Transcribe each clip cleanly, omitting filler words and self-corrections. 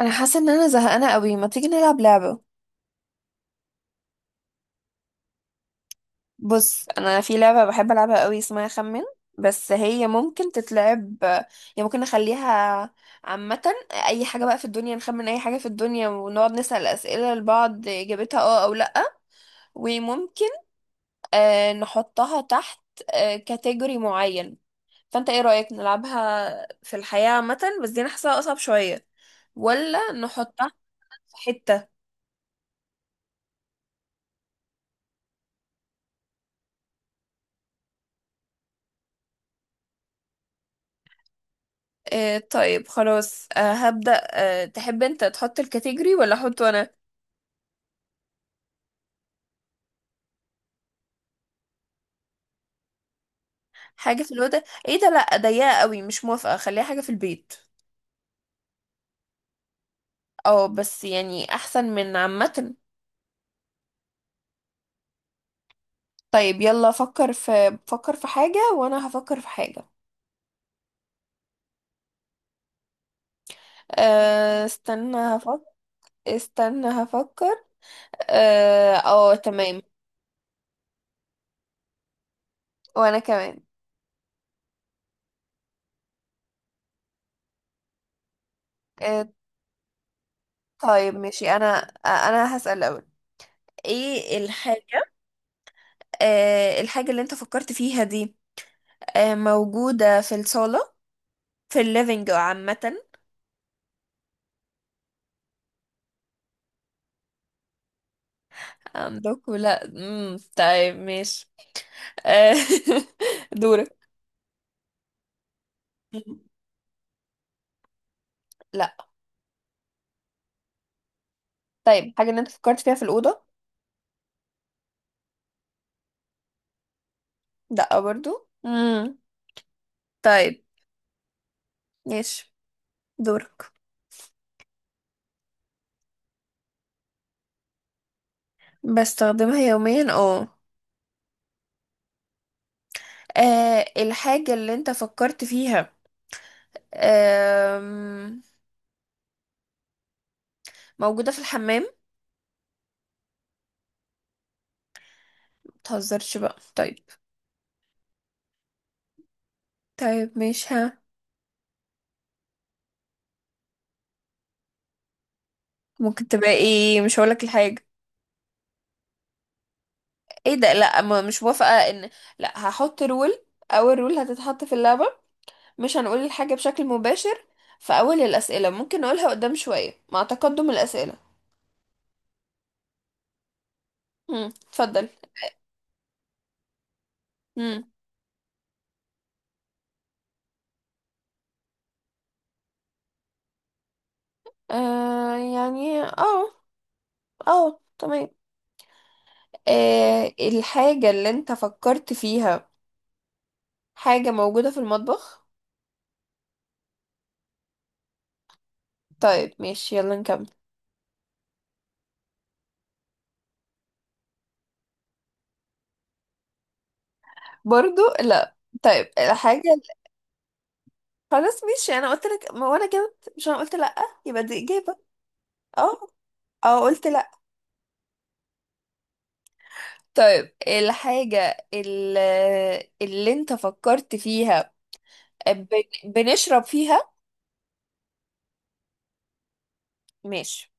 انا حاسه ان انا زهقانه قوي. ما تيجي نلعب لعبه؟ بص، انا في لعبه بحب العبها قوي، اسمها خمن. بس هي ممكن تتلعب يعني، ممكن نخليها عامه. اي حاجه بقى في الدنيا، نخمن اي حاجه في الدنيا ونقعد نسال اسئله لبعض اجابتها اه او لا. وممكن نحطها تحت كاتيجوري معين. فانت ايه رايك نلعبها في الحياه عامه؟ بس دي انا حاساها اصعب شويه. ولا نحطها في حته؟ آه طيب خلاص. هبدأ. تحب انت تحط الكاتيجوري ولا احطه انا؟ حاجة في الوضع. ايه ده؟ لا، ضيقة قوي، مش موافقة. خليها حاجة في البيت. اه بس يعني احسن من عامة. طيب يلا، فكر في حاجة وانا هفكر في حاجة. آه استنى هفكر. استنى هفكر اه، آه، تمام. وانا كمان. آه طيب ماشي انا. انا هسأل الاول. ايه الحاجة آه الحاجة اللي انت فكرت فيها دي موجودة في الصالة، في الليفينج عامة؟ عندكم لا، طيب ماشي. آه، دورك. مم. لا. طيب حاجة اللي انت فكرت فيها في الأوضة. لا برضو. طيب ماشي، دورك. بستخدمها يوميا، اه. الحاجة اللي انت فكرت فيها آم، موجودة في الحمام؟ متهزرش بقى طيب. طيب ماشي، ها. ممكن تبقى ايه؟ مش هقولك الحاجة. ايه ده؟ لا، مش موافقة ان. لا، هحط رول. اول رول هتتحط في اللعبة: مش هنقول الحاجة بشكل مباشر في اول الاسئلة، ممكن نقولها قدام شوية مع تقدم الاسئلة. اتفضل. امم يعني اه اه تمام. الحاجة اللي انت فكرت فيها حاجة موجودة في المطبخ؟ طيب ماشي يلا نكمل. برضو لا. طيب الحاجة. خلاص ماشي، انا قلت لك ما، وانا كده، مش انا قلت لا؟ يبقى دي اجابة. اه اه، قلت لا. طيب الحاجة اللي انت فكرت فيها بنشرب فيها؟ ماشي.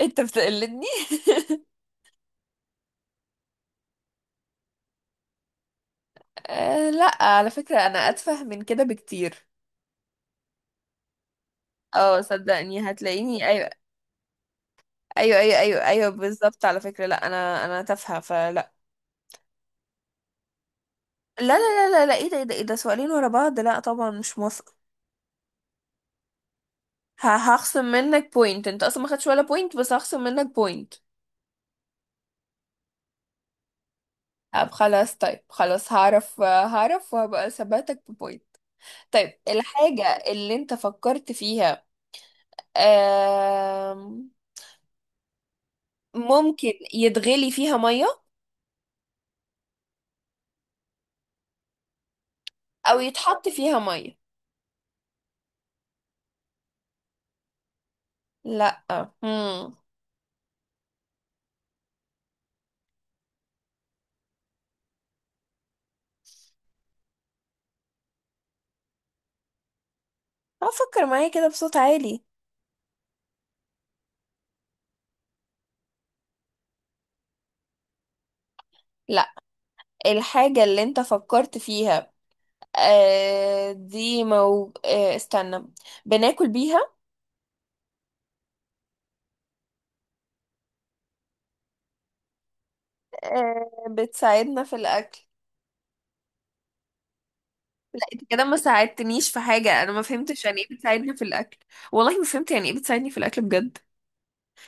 انت بتقلدني. آه لا، على فكرة انا اتفه من كده بكتير. اه صدقني هتلاقيني ايوه ايوه ايوه ايوه ايوه، بالظبط. على فكرة لا، انا تافهة فلا. لا لا لا لا لا، ايه ده ايه ده ايه ده؟ سؤالين ورا بعض، لا طبعا مش موافقة. هخصم منك بوينت. انت اصلا ما خدتش ولا بوينت، بس هخصم منك بوينت. طب خلاص، طيب خلاص، هعرف هعرف وهبقى ثباتك ببوينت. طيب الحاجة اللي انت فكرت فيها آم، ممكن يتغلي فيها مية او يتحط فيها مية؟ لا. امم افكر معايا كده بصوت عالي. لا. الحاجة اللي انت فكرت فيها آه، دي مو آه، استنى، بناكل بيها. بتساعدنا في الاكل. لا انت كده ما ساعدتنيش في حاجة، انا ما فهمتش يعني ايه بتساعدني في الاكل. والله ما فهمت يعني ايه بتساعدني في الاكل بجد.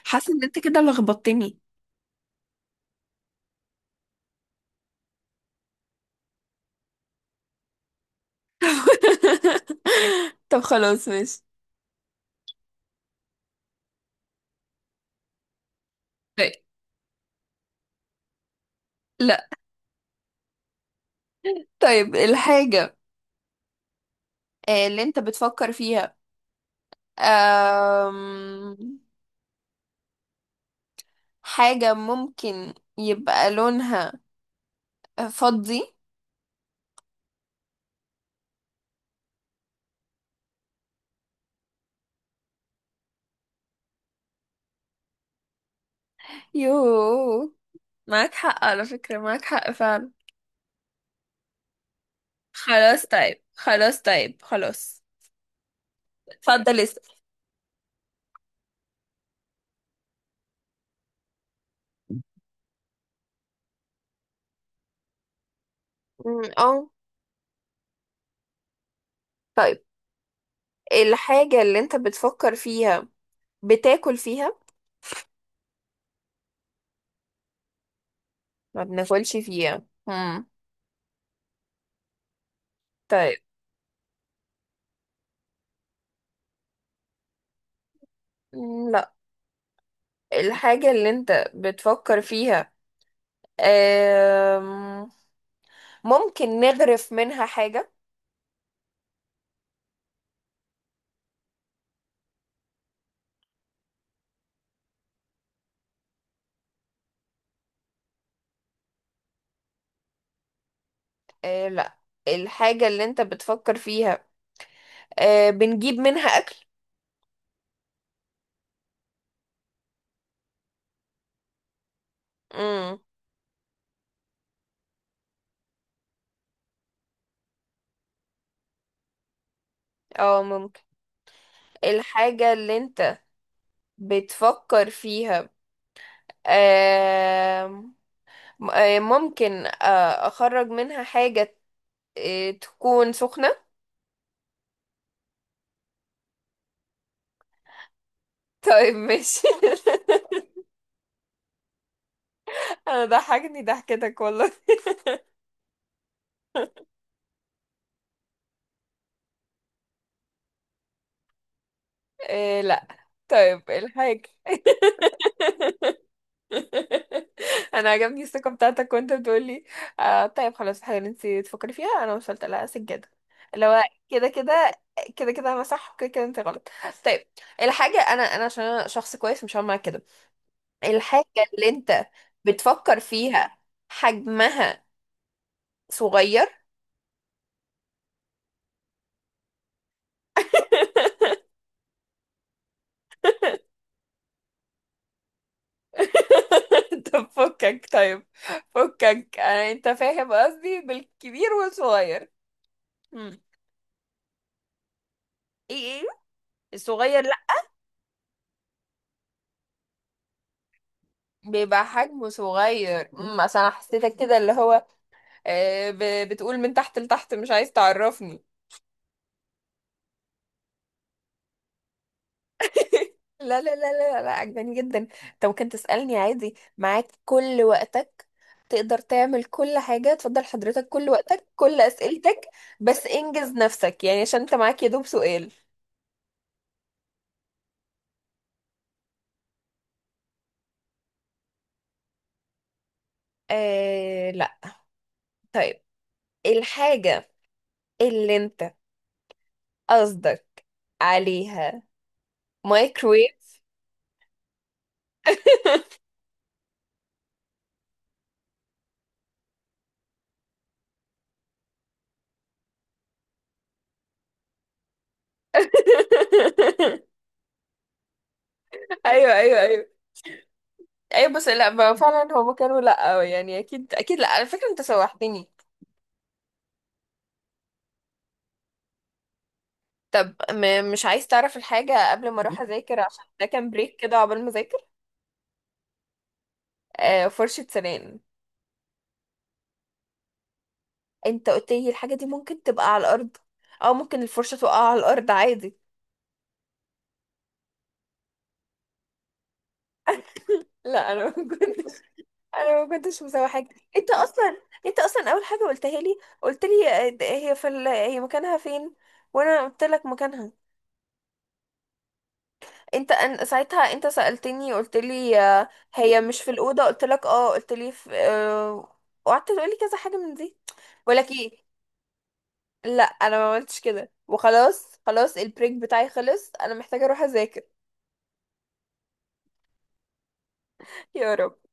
حاسة ان انت كده لخبطتني. طب خلاص ماشي. طيب. لا. طيب الحاجة اللي انت بتفكر فيها آم، حاجة ممكن يبقى لونها فضي؟ يوه، معاك حق على فكرة، معاك حق فعلا. خلاص طيب، خلاص طيب، خلاص. اتفضل اسأل. اه. طيب الحاجة اللي انت بتفكر فيها بتاكل فيها؟ ما بناكلش فيها. طيب. أمم، الحاجة اللي انت بتفكر فيها آم، ممكن نغرف منها حاجة؟ لا. الحاجة اللي انت بتفكر فيها بنجيب منها أكل؟ مم. اه ممكن. الحاجة اللي انت بتفكر فيها آم، م- آه، ممكن أخرج منها حاجة تكون سخنة. طيب ماشي انا ضحكني ضحكتك والله. آه لا. طيب الحاجة. انا عجبني الثقه بتاعتك وانت بتقولي. آه طيب خلاص، الحاجه اللي انت تفكري فيها انا وصلت لها سجاده، اللي هو كده كده، كده كده انا صح وكده كده انت غلط. طيب الحاجه، انا عشان انا شخص كويس مش هعمل معاك كده. الحاجه اللي انت بتفكر فيها حجمها صغير. طب فكك طيب، فكك. انت فاهم قصدي بالكبير والصغير. مم. ايه ايه، الصغير لا. بيبقى حجمه صغير، عشان أنا حسيتك كده، اللي هو بتقول من تحت لتحت مش عايز تعرفني. لا لا لا لا لا، عجباني جدا. انت ممكن تسألني عادي، معاك كل وقتك. تقدر تعمل كل حاجة، تفضل حضرتك، كل وقتك كل أسئلتك. بس انجز نفسك يعني، عشان انت معاك يدوب سؤال. آه لا. طيب الحاجة اللي انت قصدك عليها مايكرويف. ايوه ايوه ايوه ايوه، بس لا. فعلا هما كانوا لا يعني، اكيد اكيد لا، على فكره انت سوحتني. طب مش عايز تعرف الحاجه قبل ما اروح اذاكر، عشان ده كان بريك كده عقبال ما اذاكر؟ آه، فرشه سنان. انت قلت لي الحاجه دي ممكن تبقى على الارض، او ممكن الفرشه تقع على الارض عادي. لا انا ما كنتش. انا ما كنتش مسوحاك. انت اصلا انت اصلا اول حاجه قلتها لي، قلت لي هي مكانها فين. وانا قلت لك مكانها. انت ان ساعتها انت سألتني، قلت لي هي مش في الأوضة. قلت لك اه، قلت لي في. وقعدت تقولي كذا حاجة من دي. بقول لك ايه؟ لا انا ما عملتش كده. وخلاص خلاص، البريك بتاعي خلص، انا محتاجة اروح اذاكر. يا رب.